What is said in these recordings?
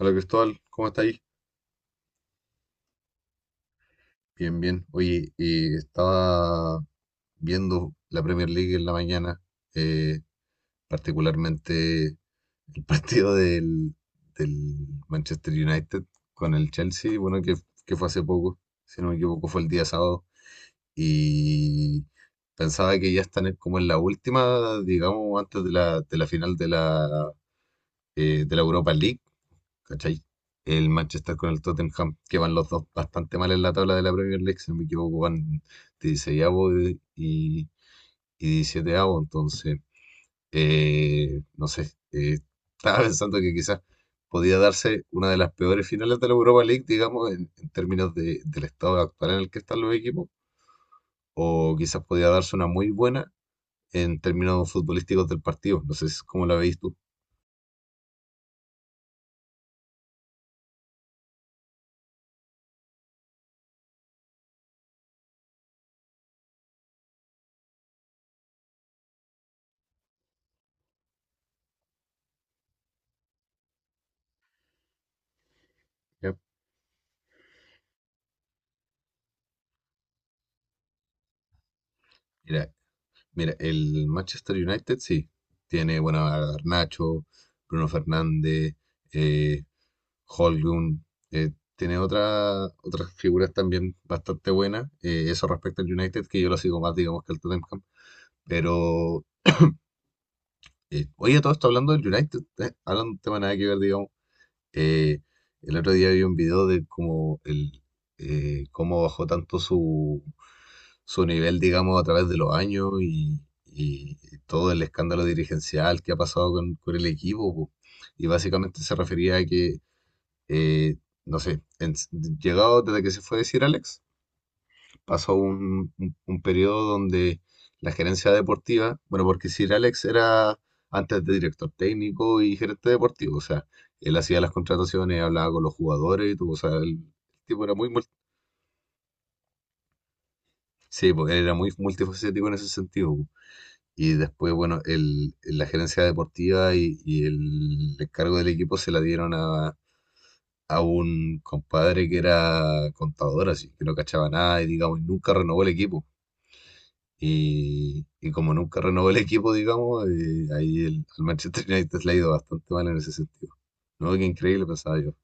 Hola Cristóbal, ¿cómo está ahí? Bien, bien. Oye, estaba viendo la Premier League en la mañana, eh, particularmente el partido del Manchester United con el Chelsea, bueno, que fue hace poco, si no me equivoco, fue el día sábado. Y pensaba que ya están como en la última, digamos, antes de la final de la Europa League. ¿Cachai? El Manchester con el Tottenham, que van los dos bastante mal en la tabla de la Premier League, si no me equivoco, van 16 y 17. Entonces, no sé, eh, estaba pensando que quizás podía darse una de las peores finales de la Europa League, digamos, en términos del estado actual en el que están los equipos, o quizás podía darse una muy buena en términos futbolísticos del partido, no sé si- cómo la veis tú. Yep. Mira, Mira, el Manchester United sí. Tiene, bueno, a Garnacho, Bruno Fernández, eh, Højlund, eh, tiene otras figuras también bastante buenas. Eso respecto al United, que yo lo sigo más, digamos, que al Tottenham. Pero, oye, todo esto hablando del United, hablando de un tema nada que ver, digamos. eh, el otro día vi un video de cómo bajó tanto su nivel, digamos, a través de los años y todo el escándalo dirigencial que ha pasado con el equipo, po. Y básicamente se refería a que, eh, no sé, llegado desde que se fue decir Alex, pasó un periodo donde la gerencia deportiva, bueno, porque Sir Alex era antes de director técnico y gerente deportivo, o sea, él hacía las contrataciones, hablaba con los jugadores, y todo, o sea, el tipo era sí, pues, era muy multifacético en ese sentido. Y después, bueno, la gerencia deportiva y el encargo del equipo se la dieron a un compadre que era contador, así que no cachaba nada y, digamos, nunca renovó el equipo. Y como nunca renovó el equipo, digamos, ahí al Manchester United le ha ido bastante mal en ese sentido. No, qué increíble, pensaba yo.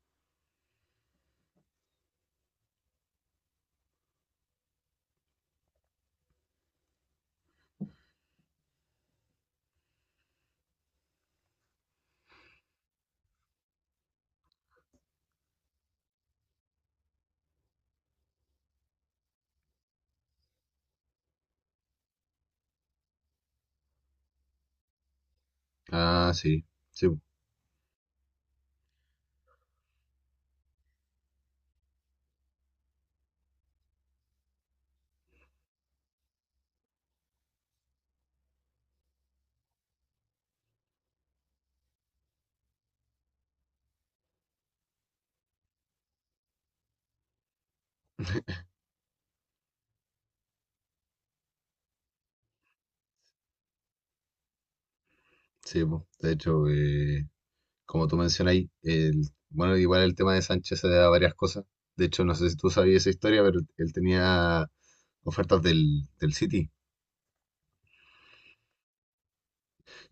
Ah, sí, sí, po, sí, po. De hecho, como tú mencionas, bueno, igual el tema de Sánchez se da a varias cosas. De hecho, no sé si tú sabías esa historia, pero él tenía ofertas del City.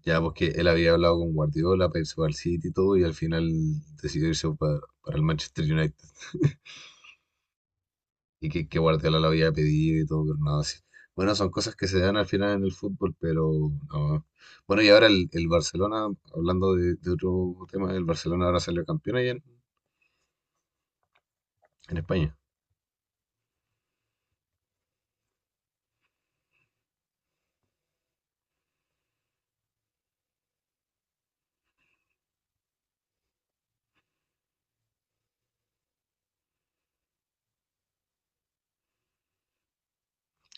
Ya, porque él había hablado con Guardiola para irse para el City y todo, y al final decidió irse para el Manchester United. Y que Guardiola lo había pedido y todo, pero nada así. Bueno, son cosas que se dan al final en el fútbol, pero no. Bueno, y ahora el Barcelona, hablando de otro tema, el Barcelona ahora salió campeón allá en España.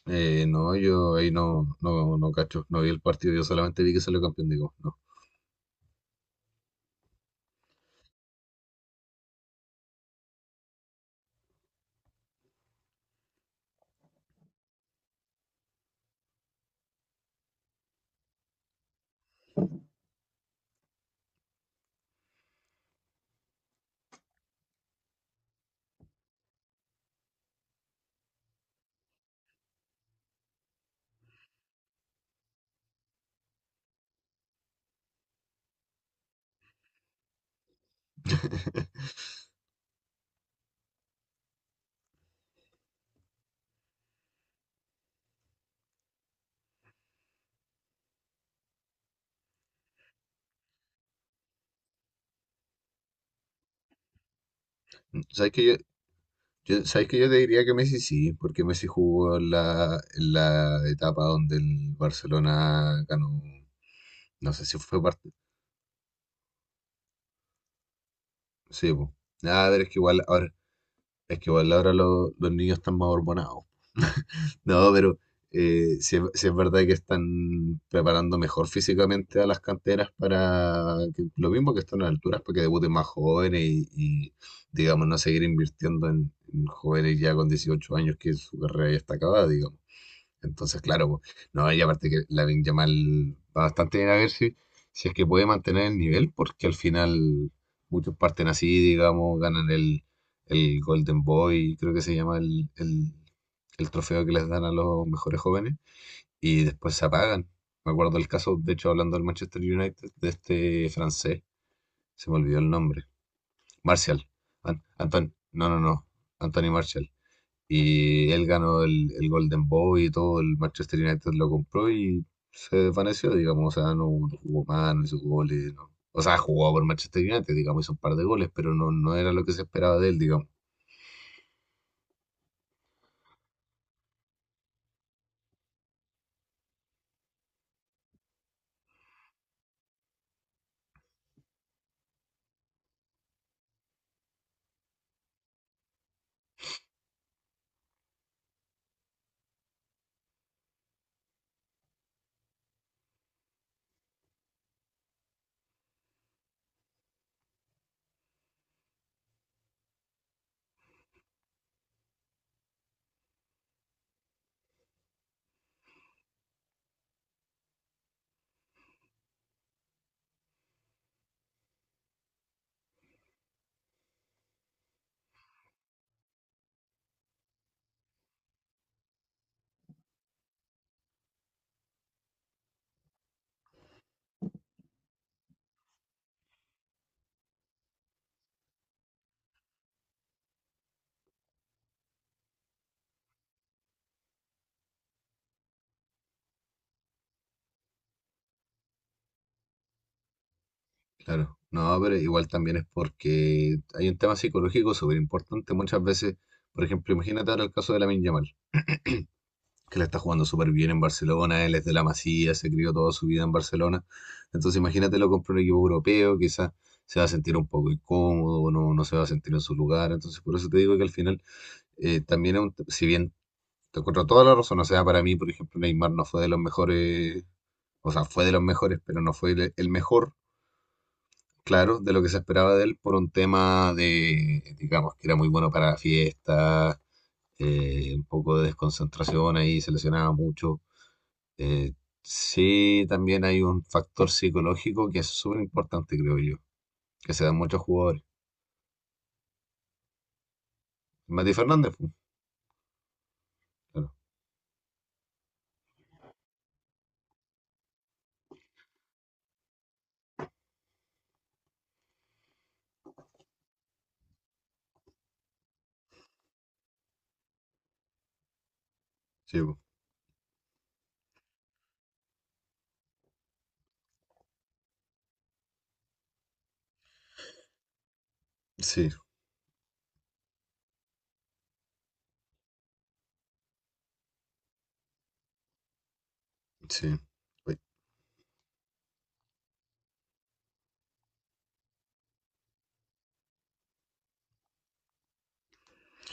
No, yo ahí no, no, no cacho, no vi el partido, yo solamente vi que salió campeón, digo, no. ¿Sabes que yo, sabes que yo te diría que Messi sí? Porque Messi jugó en en la etapa donde el Barcelona ganó, no sé si fue parte, sí, po. Nada, pero es que igual ahora, es que igual ahora los niños están más hormonados. No, pero sí es verdad que están preparando mejor físicamente a las canteras para lo mismo que están a alturas, para que debuten más jóvenes y, digamos, no seguir invirtiendo en jóvenes ya con 18 años que su carrera ya está acabada, digamos. Entonces, claro, po. No, y aparte que Lamine Yamal va bastante bien, a ver si, si es que puede mantener el nivel, porque al final muchos parten así, digamos, ganan el Golden Boy, creo que se llama el trofeo que les dan a los mejores jóvenes, y después se apagan. Me acuerdo el caso, de hecho, hablando del Manchester United, de este francés, se me olvidó el nombre, Martial, An- Anton, no, no, no, Anthony Martial, y él ganó el Golden Boy y todo, el Manchester United lo compró y se desvaneció, digamos, o sea, no, no jugó más, no hizo goles, no. O sea, jugó por Manchester United, digamos, hizo un par de goles, pero no, no era lo que se esperaba de él, digamos. Claro, no, pero igual también es porque hay un tema psicológico súper importante muchas veces. Por ejemplo, imagínate ahora el caso de Lamine Yamal, que la está jugando súper bien en Barcelona, él es de la Masía, se crió toda su vida en Barcelona. Entonces imagínate lo compra un equipo europeo, quizás se va a sentir un poco incómodo, no, no se va a sentir en su lugar. Entonces por eso te digo que al final es si bien te encuentro toda la razón, o sea, para mí, por ejemplo, Neymar no fue de los mejores, o sea, fue de los mejores, pero no fue el mejor. Claro, de lo que se esperaba de él por un tema de, digamos, que era muy bueno para fiestas, un poco de desconcentración ahí, se lesionaba mucho. Eh, sí, también hay un factor psicológico que es súper importante, creo yo, que se dan muchos jugadores. Mati Fernández, pu, claro, sí, pu, sí, sí. Oye,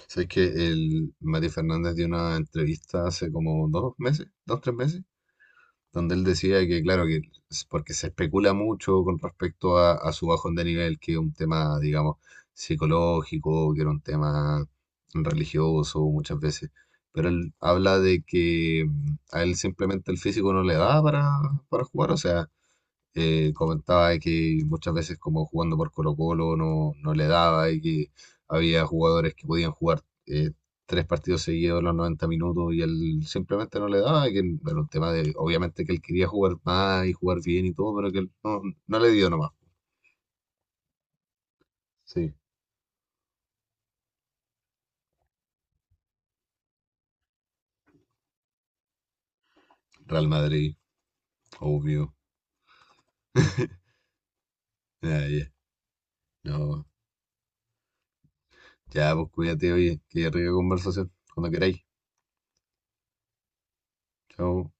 ¿sabes que el Mati Fernández dio una entrevista hace como dos meses, dos, tres meses? Donde él decía que, claro, que es porque se especula mucho con respecto a su bajón de nivel, que es un tema, digamos, psicológico, que era un tema religioso muchas veces, pero él habla de que a él simplemente el físico no le da para jugar, o sea, comentaba de que muchas veces como jugando por Colo-Colo no, no le daba, y que había jugadores que podían jugar tres partidos seguidos los 90 minutos y él simplemente no le daba, y que era un tema de, obviamente que él quería jugar más y jugar bien y todo, pero que él no, no le dio nomás. Sí, Real Madrid, obvio. Ah, ya, no, ya, pues cuídate, oye, que rica conversación, cuando queráis. Chao.